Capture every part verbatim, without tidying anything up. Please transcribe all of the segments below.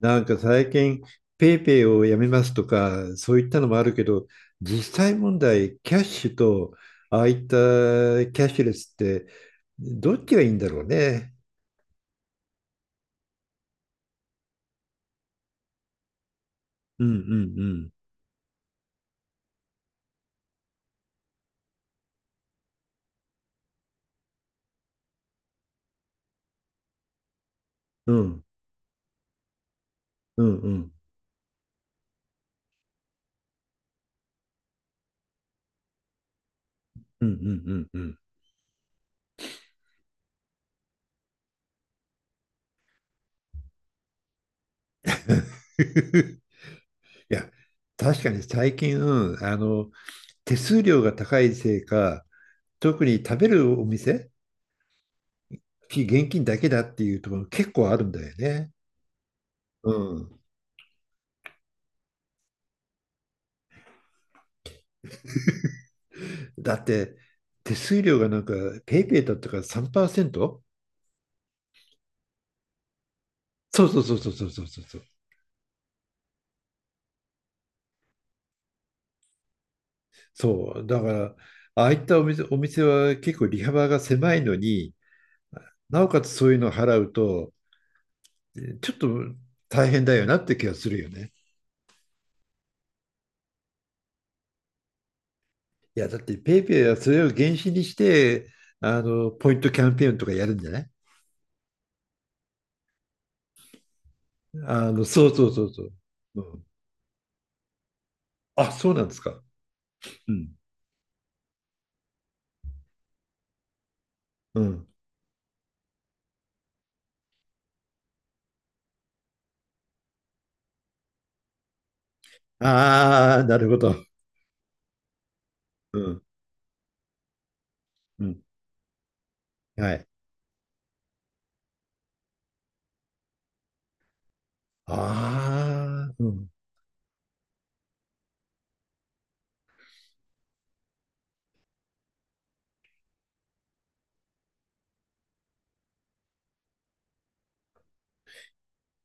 なんか最近、ペイペイをやめますとか、そういったのもあるけど、実際問題、キャッシュと、ああいったキャッシュレスって、どっちがいいんだろうね。うんうんうん。うんうんうんうんうんうんうん。いや、確かに最近、うんあの、手数料が高いせいか、特に食べるお店、非現金だけだっていうところ結構あるんだよね。だって、手数料がなんか、ペイペイだったから さんパーセント？ そうそうそうそうそうそうそう。そう、だから、ああいったお店、お店は結構利幅が狭いのに、なおかつそういうのを払うと、ちょっと大変だよなって気がするよね。いや、だってペイペイはそれを原資にして、あの、ポイントキャンペーンとかやるんじゃない？あの、そうそうそうそう。うん、あ、そうなんですか。うん。うん。ああ、なるほど。うん。うん。はい。ああ、うん。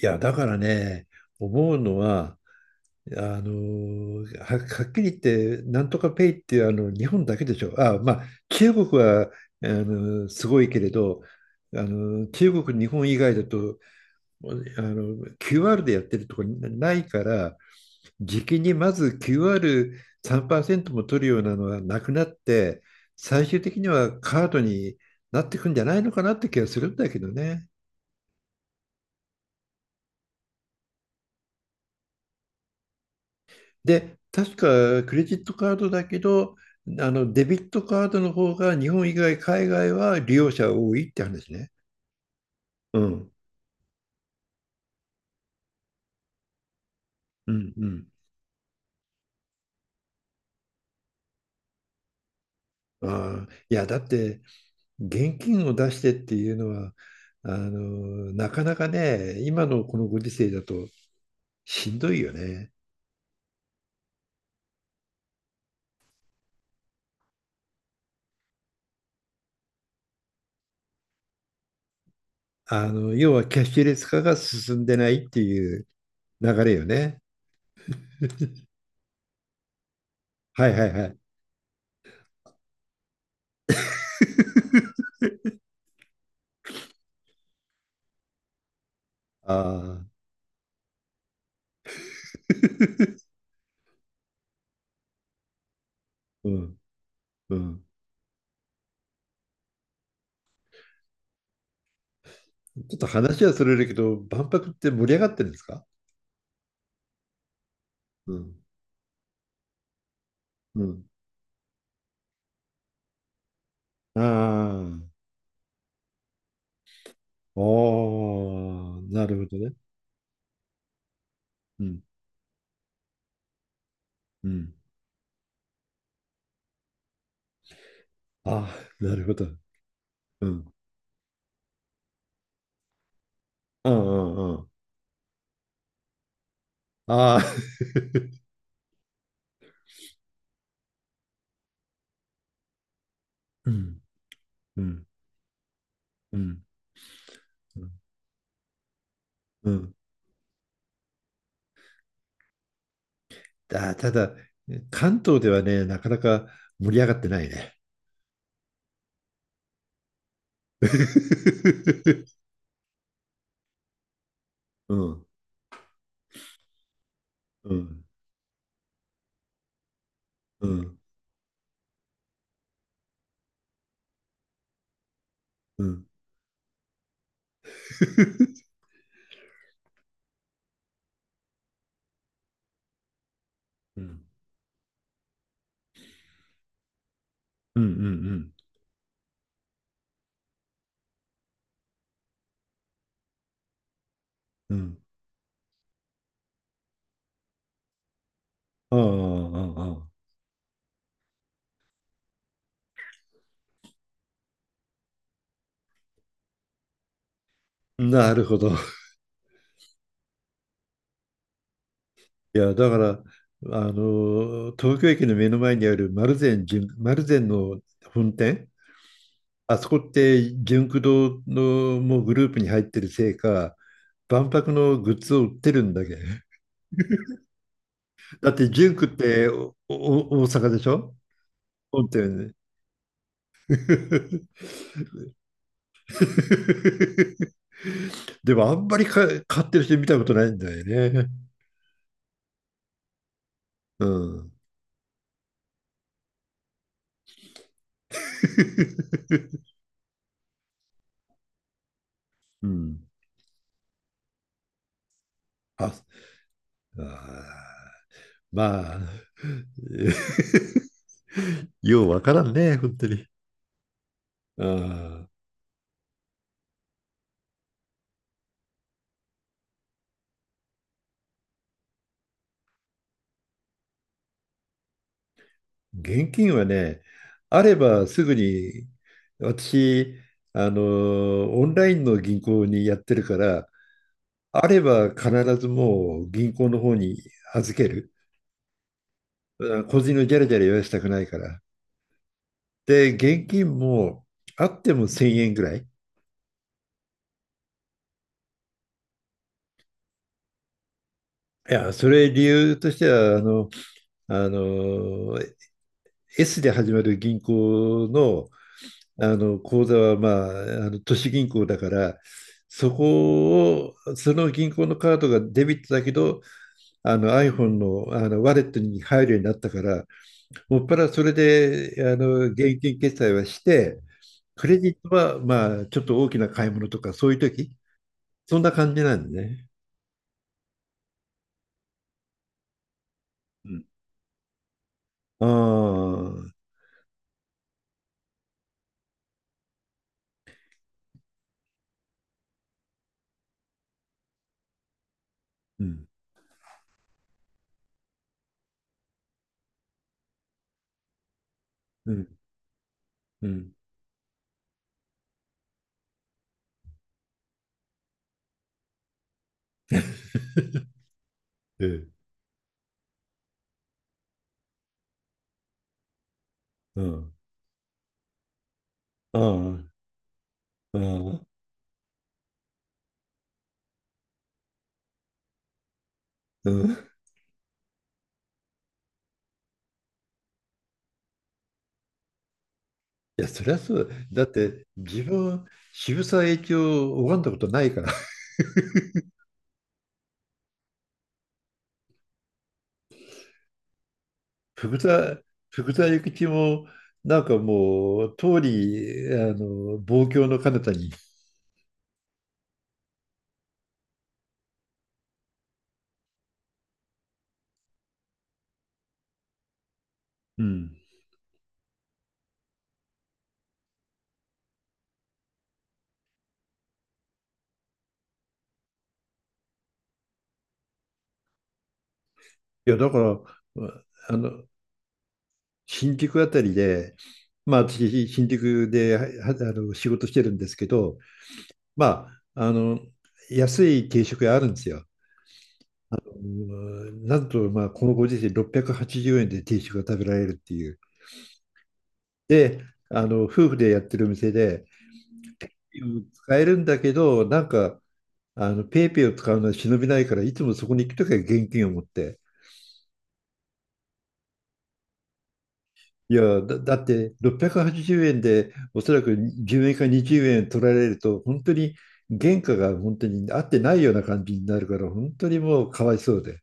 いや、だからね、思うのは、あのーは、はっきり言って、なんとかペイってあの日本だけでしょ。あ、まあ、中国はあのすごいけれど、あの中国、日本以外だとあの キューアール でやってるとこないから、時期にまず キューアールさんパーセント も取るようなのはなくなって、最終的にはカードになってくんじゃないのかなって気がするんだけどね。で、確かクレジットカードだけど、あのデビットカードの方が日本以外、海外は利用者多いって話ね。うん、うん、うん。ああ、いや、だって現金を出してっていうのは、あの、なかなかね、今のこのご時世だとしんどいよね。あの、要はキャッシュレス化が進んでないっていう流れよね。はいはいはい。ああ、うん、うん。ちょっと話はそれるけど、万博って盛り上がってるんですか？うん。うん。ああ、おー、なるほどね。うん。うん。ああ、なるほど。うん。うんうんうん。ああ、うん。うん。うん。うん。あー、ただ、関東ではね、なかなか盛り上がってないね。うん。うん。うん。うん。うん。うん。うん。うん。うん。ああ、ああ、ああ。なるほど。いや、だから、あの、東京駅の目の前にある丸善純、丸善の本店、あそこって純駆動のもうグループに入ってるせいか、万博のグッズを売ってるんだけど。だって純駆っておお大阪でしょ？本店ね。でもあんまりか買ってる人見たことないんだよね。うん。うん。あ、あーまあ、ようわからんね、本当に。ああ、現金はね、あればすぐに、私、あの、オンラインの銀行にやってるから、あれば必ずもう銀行の方に預ける。あ個人のジャラジャラ言わせたくないから。で、現金もあってもせんえんぐらい。いや、それ理由としては、あの、あの、S で始まる銀行の、あの口座は、まあ、あの都市銀行だから、そこを、その銀行のカードがデビットだけど、あの アイフォン の、あのワレットに入るようになったから、もっぱらそれであの現金決済はして、クレジットは、まあ、ちょっと大きな買い物とか、そういう時そんな感じなんでね。うんああ、うん、うん、うん、うん、うん、ああ、ああ、うん。いや、そりゃそう。だって、自分、渋沢栄一を拝んだことないから。福沢、福沢諭吉も、なんかもう、通り、あの、望郷の彼方に。うん。いや、だから、あの、新宿あたりで、まあ、私、新宿で、はあの、仕事してるんですけど、まあ、あの、安い定食屋あるんですよ。うん、なんと、まあ、このご時世ろっぴゃくはちじゅうえんで定食が食べられるっていう。で、あの、夫婦でやってる店で、使えるんだけど、なんか、あの、ペイペイを使うのは忍びないから、いつもそこに行くときは現金を持って。いや、だ、だってろっぴゃくはちじゅうえんで、おそらくじゅうえんかにじゅうえん取られると、本当に原価が本当に合ってないような感じになるから、本当にもうかわいそうで。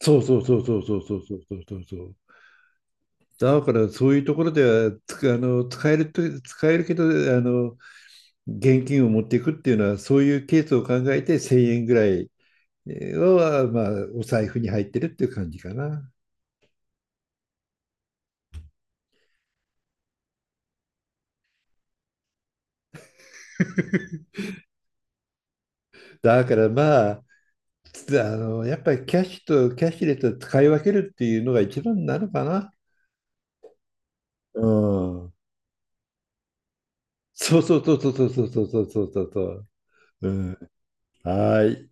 そうそうそうそうそうそうそうそうそうそう。だからそういうところではつあの使えると使えるけどあの現金を持っていくっていうのは、そういうケースを考えてせんえんぐらいは、まあ、お財布に入ってるっていう感じかな。だからまあ、あの、やっぱりキャッシュとキャッシュレスを使い分けるっていうのが一番なのかな。うん。そうそうそうそうそうそうそうそうそう。うん。はい。